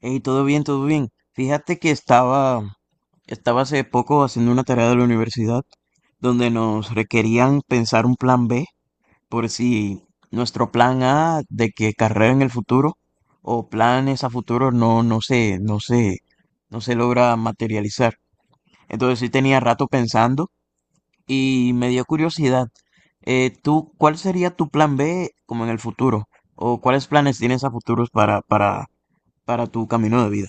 Hey, todo bien, todo bien. Fíjate que estaba hace poco haciendo una tarea de la universidad donde nos requerían pensar un plan B por si nuestro plan A de que carrera en el futuro o planes a futuro no, no se logra materializar. Entonces sí tenía rato pensando y me dio curiosidad. ¿Tú cuál sería tu plan B como en el futuro? ¿O cuáles planes tienes a futuros para tu camino de vida?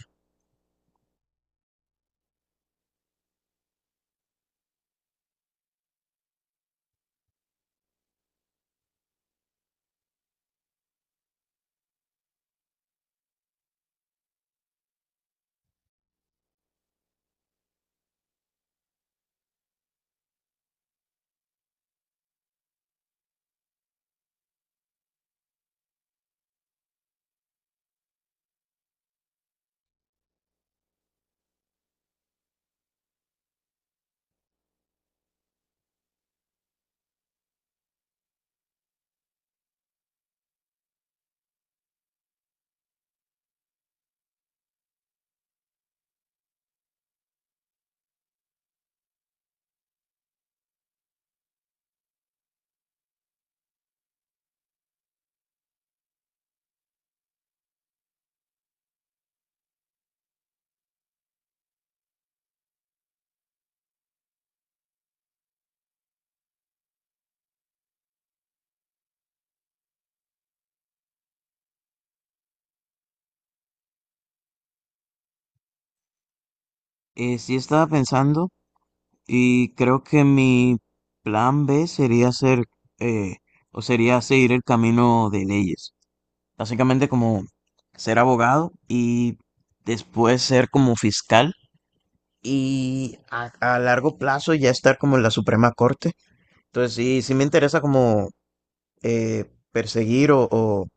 Sí estaba pensando y creo que mi plan B sería hacer eh, o sería seguir el camino de leyes. Básicamente como ser abogado y después ser como fiscal y a largo plazo ya estar como en la Suprema Corte. Entonces sí, sí me interesa como eh, perseguir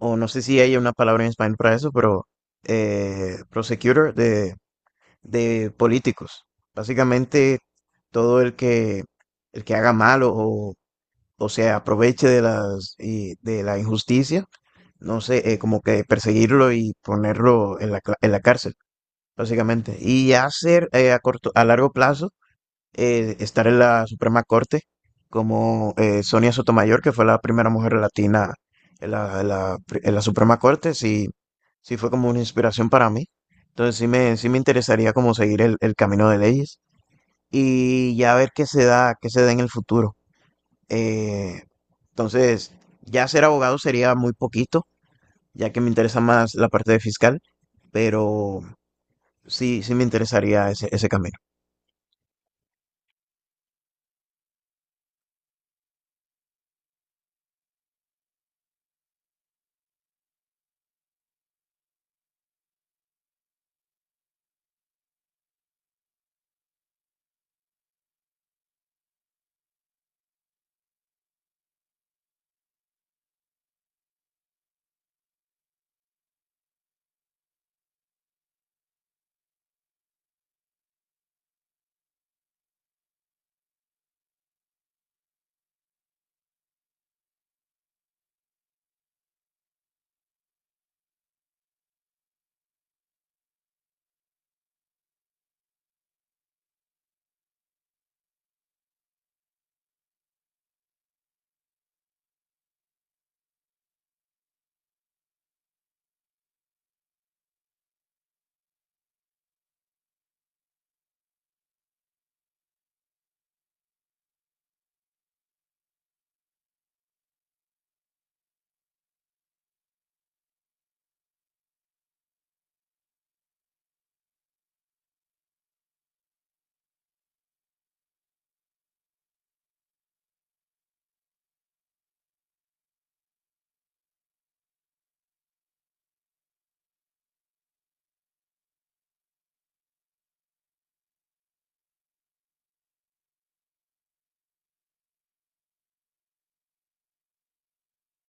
o no sé si hay una palabra en español para eso, pero prosecutor de políticos. Básicamente, todo el que haga mal o se aproveche de las, y de la injusticia, no sé, como que perseguirlo y ponerlo en en la cárcel, básicamente. Y hacer a largo plazo estar en la Suprema Corte como Sonia Sotomayor, que fue la primera mujer latina en en la Suprema Corte, sí, sí fue como una inspiración para mí. Entonces sí me interesaría como seguir el camino de leyes y ya ver qué se da en el futuro. Eh, entonces, ya ser abogado sería muy poquito, ya que me interesa más la parte de fiscal, pero sí, sí me interesaría ese camino.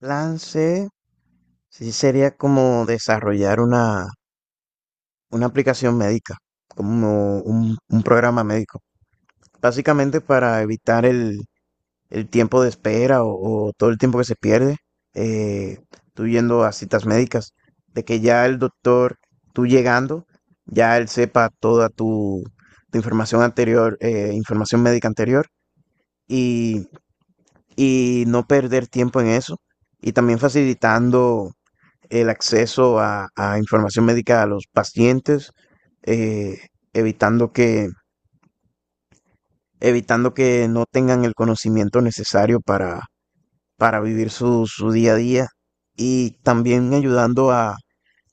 Lance Sí, sería como desarrollar una aplicación médica, como un programa médico, básicamente para evitar el tiempo de espera o todo el tiempo que se pierde, eh, tú yendo a citas médicas, de que ya el doctor, tú llegando, ya él sepa toda tu información anterior, información médica anterior, y, y no perder tiempo en eso, y también facilitando el acceso a información médica a los pacientes, eh, evitando que, evitando que no tengan el conocimiento necesario para vivir su día a día y también ayudando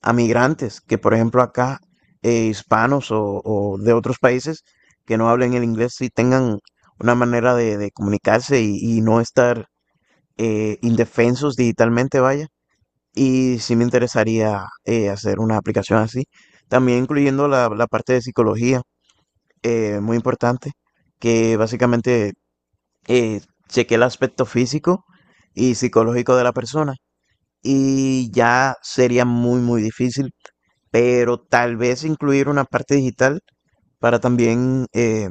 a migrantes que, por ejemplo, acá, hispanos o de otros países que no hablen el inglés y tengan una manera de comunicarse y no estar indefensos digitalmente, vaya. Y sí me interesaría hacer una aplicación así, también incluyendo la parte de psicología, muy importante, que básicamente eh, cheque el aspecto físico y psicológico de la persona. Y ya sería muy, muy difícil, pero tal vez incluir una parte digital para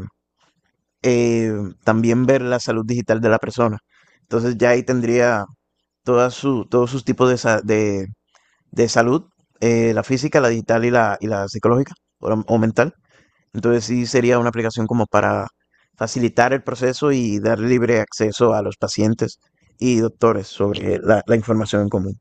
eh, también ver la salud digital de la persona. Entonces ya ahí tendría todos sus tipos de, de salud, la física, la digital y y la psicológica o mental. Entonces sí sería una aplicación como para facilitar el proceso y dar libre acceso a los pacientes y doctores sobre la información en común.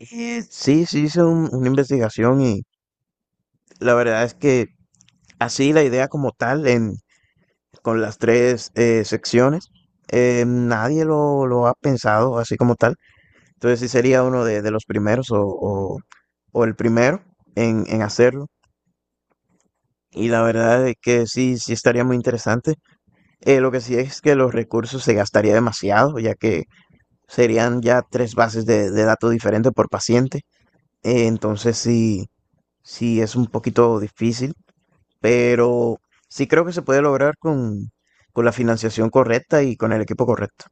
Y sí, sí hice una investigación y la verdad es que así la idea como tal, en, con las tres secciones, nadie lo ha pensado así como tal. Entonces sí sería uno de los primeros o el primero en hacerlo. Y la verdad es que sí, sí estaría muy interesante. Lo que sí es que los recursos se gastaría demasiado, ya que serían ya tres bases de datos diferentes por paciente. Entonces sí, sí es un poquito difícil, pero sí creo que se puede lograr con la financiación correcta y con el equipo correcto.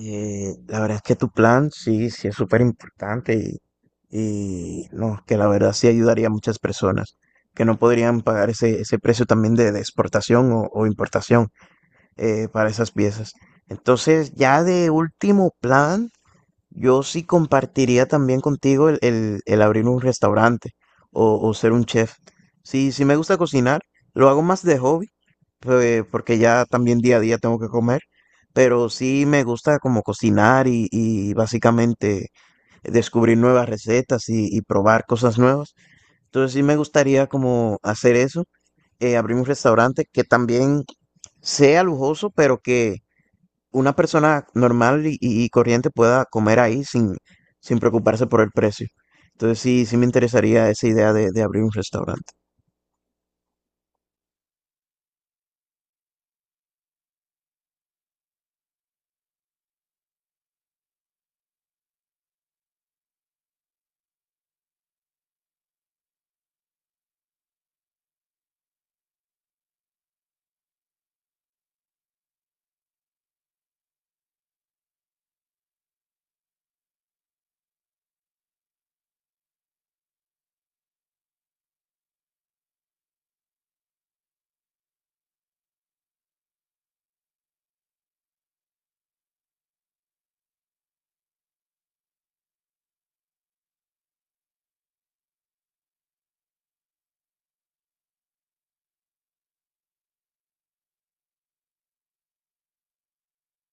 La verdad es que tu plan sí, sí es súper importante y no, que la verdad sí ayudaría a muchas personas que no podrían pagar ese, ese precio también de exportación o importación para esas piezas. Entonces, ya de último plan. Yo sí compartiría también contigo el abrir un restaurante o ser un chef. Sí, sí me gusta cocinar, lo hago más de hobby, pues, porque ya también día a día tengo que comer, pero sí me gusta como cocinar y básicamente descubrir nuevas recetas y probar cosas nuevas. Entonces sí me gustaría como hacer eso, abrir un restaurante que también sea lujoso, pero que una persona normal y, y corriente pueda comer ahí sin, sin preocuparse por el precio. Entonces sí, sí me interesaría esa idea de abrir un restaurante.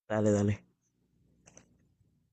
Dale, dale.